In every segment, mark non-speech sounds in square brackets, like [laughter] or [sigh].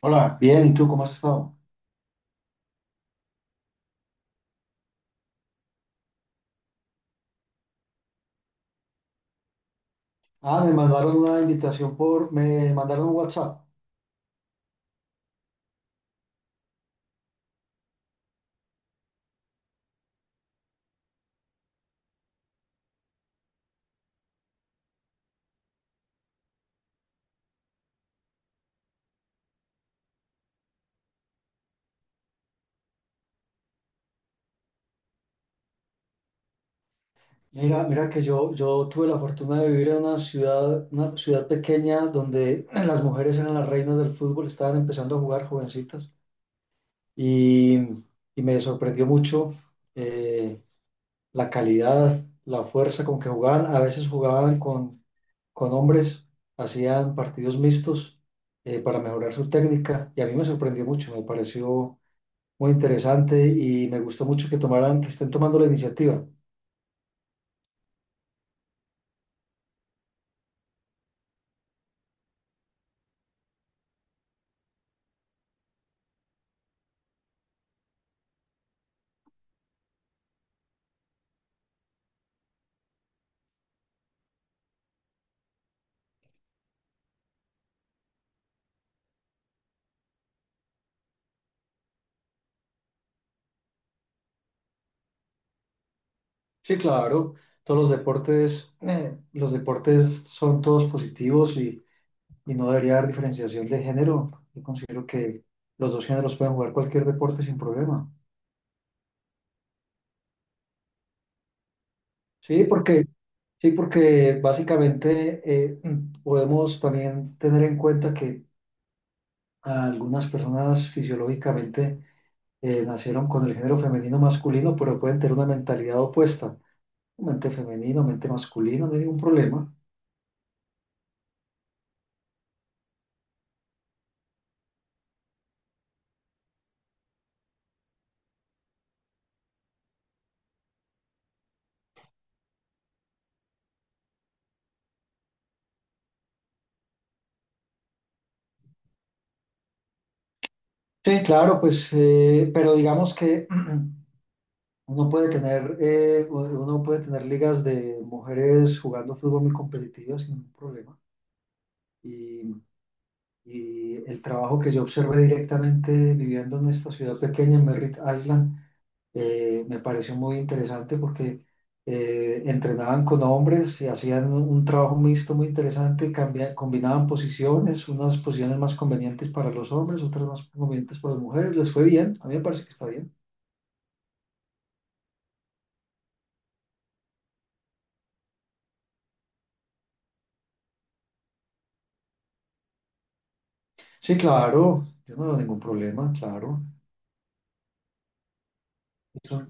Hola, bien, ¿y tú cómo has estado? Ah, me mandaron una invitación por, me mandaron un WhatsApp. Mira, mira que yo, tuve la fortuna de vivir en una ciudad pequeña donde las mujeres eran las reinas del fútbol, estaban empezando a jugar jovencitas y, y me sorprendió mucho eh, la calidad, la fuerza con que jugaban. A veces jugaban con hombres, hacían partidos mixtos para mejorar su técnica y a mí me sorprendió mucho, me pareció muy interesante y me gustó mucho que tomaran, que estén tomando la iniciativa. Sí, claro, todos los deportes son todos positivos y no debería haber diferenciación de género. Yo considero que los dos géneros pueden jugar cualquier deporte sin problema. Sí, porque, sí, porque básicamente podemos también tener en cuenta que algunas personas fisiológicamente nacieron con el género femenino masculino, pero pueden tener una mentalidad opuesta. Mente femenino, mente masculino, no hay ningún problema. Sí, claro, pues, pero digamos que [clears throat] uno puede tener ligas de mujeres jugando fútbol muy competitivas sin ningún problema. Y, y el trabajo que yo observé directamente viviendo en esta ciudad pequeña, en Merritt Island, me pareció muy interesante porque entrenaban con hombres y hacían un trabajo mixto muy interesante, combinaban posiciones, unas posiciones más convenientes para los hombres, otras más convenientes para las mujeres, les fue bien, a mí me parece que está bien. Sí, claro, yo no veo ningún problema, claro. Eso,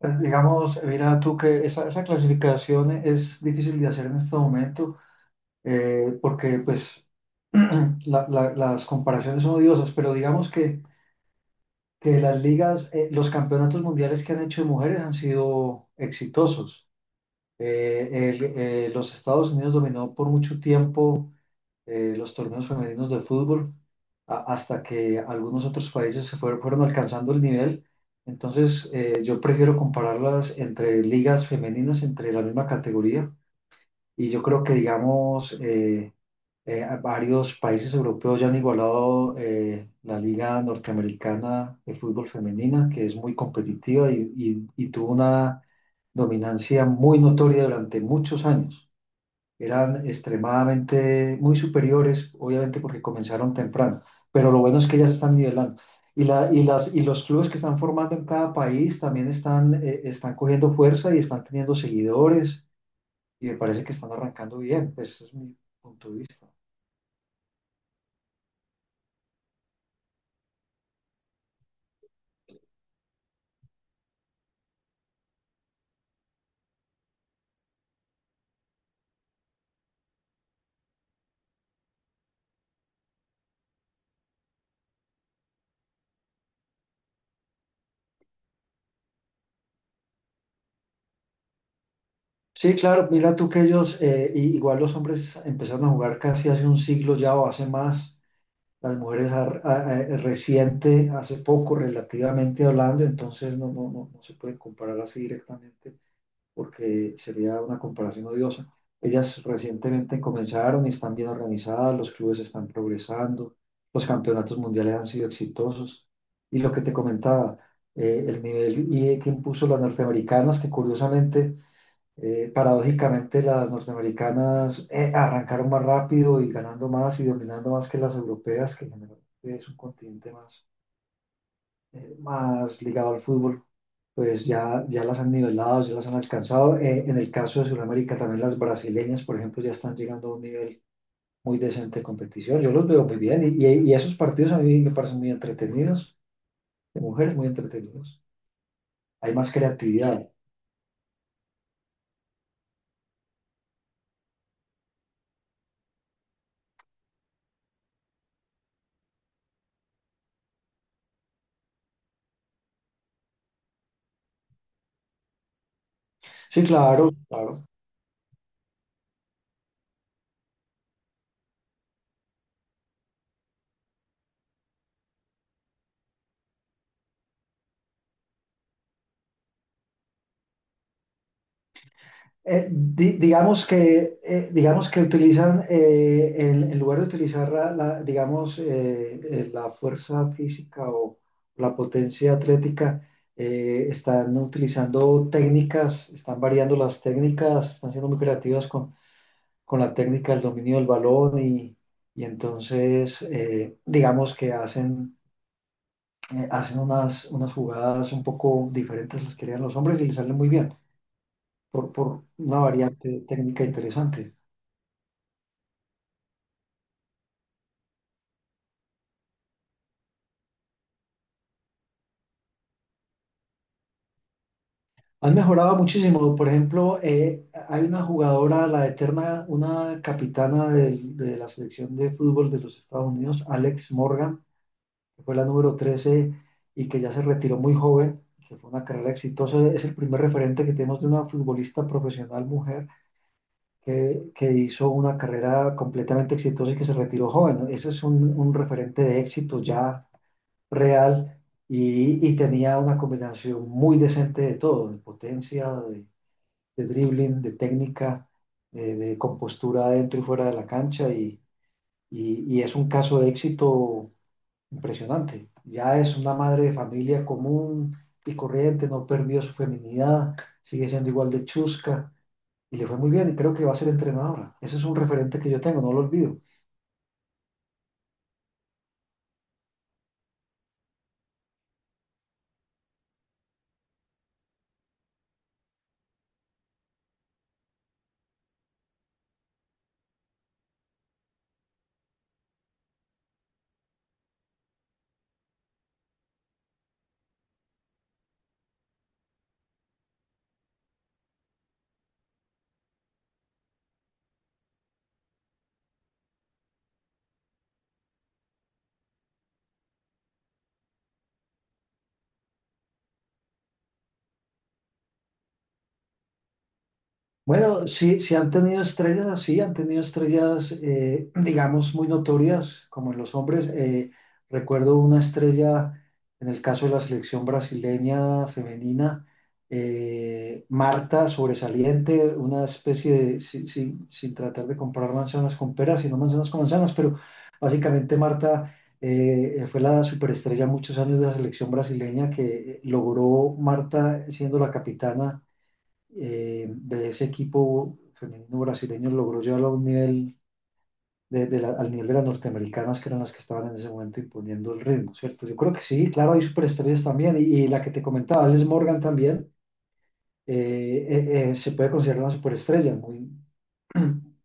digamos, mira tú que esa clasificación es difícil de hacer en este momento porque pues [clears throat] las comparaciones son odiosas, pero digamos que las ligas, los campeonatos mundiales que han hecho de mujeres han sido exitosos. Eh, los Estados Unidos dominó por mucho tiempo los torneos femeninos de fútbol hasta que algunos otros países fueron alcanzando el nivel. Entonces, yo prefiero compararlas entre ligas femeninas, entre la misma categoría. Y yo creo que, digamos, varios países europeos ya han igualado la Liga Norteamericana de Fútbol Femenina, que es muy competitiva y, y tuvo una dominancia muy notoria durante muchos años. Eran extremadamente muy superiores, obviamente porque comenzaron temprano, pero lo bueno es que ya se están nivelando. Y los clubes que están formando en cada país también están cogiendo fuerza y están teniendo seguidores y me parece que están arrancando bien, pues ese es mi punto de vista. Sí, claro, mira tú que ellos, igual los hombres empezaron a jugar casi hace un siglo ya o hace más, las mujeres reciente, hace poco relativamente hablando, entonces no, no, no, no se puede comparar así directamente porque sería una comparación odiosa. Ellas recientemente comenzaron y están bien organizadas, los clubes están progresando, los campeonatos mundiales han sido exitosos y lo que te comentaba, el nivel y que impuso las norteamericanas, que curiosamente paradójicamente, las norteamericanas arrancaron más rápido y ganando más y dominando más que las europeas, que generalmente es un continente más ligado al fútbol. Pues ya, ya las han nivelado, ya las han alcanzado. En el caso de Sudamérica, también las brasileñas, por ejemplo, ya están llegando a un nivel muy decente de competición. Yo los veo muy bien y, y esos partidos a mí me parecen muy entretenidos, de mujeres muy entretenidos. Hay más creatividad. Sí, claro, claro. Digamos que, digamos que utilizan, en lugar de utilizar digamos, la fuerza física o la potencia atlética, están utilizando técnicas, están variando las técnicas, están siendo muy creativas con la técnica del dominio del balón y entonces, digamos que hacen, hacen unas, unas jugadas un poco diferentes las que harían los hombres y les salen muy bien por una variante técnica interesante. Han mejorado muchísimo. Por ejemplo, hay una jugadora, la eterna, una capitana la selección de fútbol de los Estados Unidos, Alex Morgan, que fue la número 13 y que ya se retiró muy joven, que fue una carrera exitosa. Es el primer referente que tenemos de una futbolista profesional mujer que hizo una carrera completamente exitosa y que se retiró joven. Ese es un referente de éxito ya real y tenía una combinación muy decente de todo, de potencia, de dribbling, de técnica, de compostura dentro y fuera de la cancha y, y es un caso de éxito impresionante. Ya es una madre de familia común y corriente, no perdió su feminidad, sigue siendo igual de chusca y le fue muy bien y creo que va a ser entrenadora. Ese es un referente que yo tengo, no lo olvido. Bueno, sí, sí han tenido estrellas así, han tenido estrellas, [clears throat] digamos, muy notorias, como en los hombres. Recuerdo una estrella, en el caso de la selección brasileña femenina, Marta, sobresaliente, una especie de, sin tratar de comparar manzanas con peras, sino manzanas con manzanas, pero básicamente Marta fue la superestrella muchos años de la selección brasileña que logró, Marta siendo la capitana de ese equipo femenino brasileño logró llevarlo a un nivel de, al nivel de las norteamericanas que eran las que estaban en ese momento imponiendo el ritmo, ¿cierto? Yo creo que sí, claro, hay superestrellas también, y la que te comentaba, Alice Morgan también, se puede considerar una superestrella, muy, [clears throat]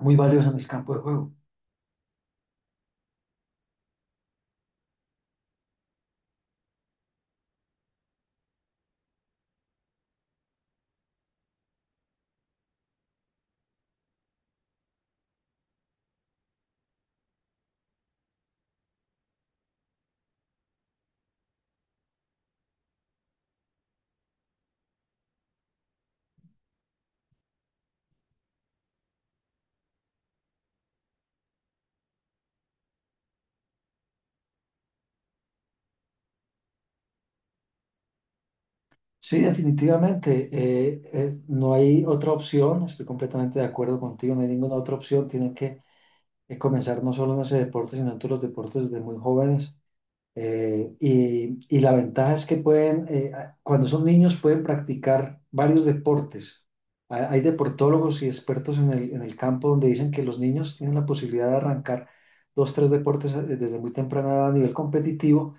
muy valiosa en el campo de juego. Sí, definitivamente, no hay otra opción, estoy completamente de acuerdo contigo, no hay ninguna otra opción, tienen que comenzar no solo en ese deporte, sino en todos los deportes desde muy jóvenes. Y la ventaja es que pueden, cuando son niños, pueden practicar varios deportes. Hay deportólogos y expertos en el, campo donde dicen que los niños tienen la posibilidad de arrancar dos, tres deportes desde muy temprana edad a nivel competitivo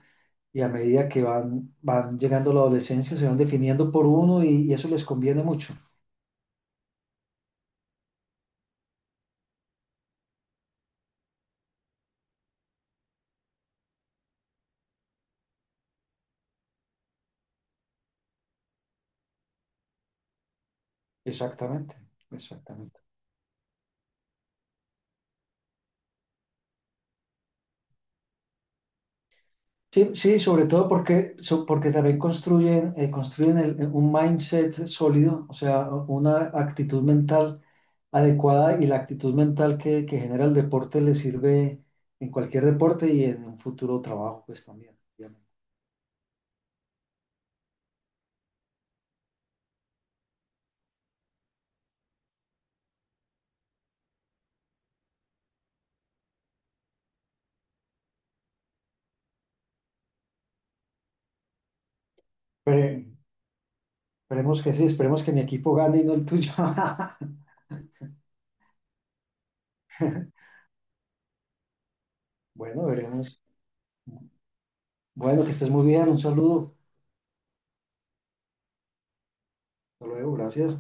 y a medida que van, van llegando a la adolescencia se van definiendo por uno y eso les conviene mucho. Exactamente, exactamente. Sí, sí, sobre todo porque, porque también construyen, construyen un mindset sólido, o sea, una actitud mental adecuada y la actitud mental que genera el deporte le sirve en cualquier deporte y en un futuro trabajo, pues también, obviamente. Espere- Esperemos que sí, esperemos que mi equipo gane y no el tuyo. [laughs] Bueno, veremos. Bueno, que estés muy bien, un saludo. Hasta luego, gracias.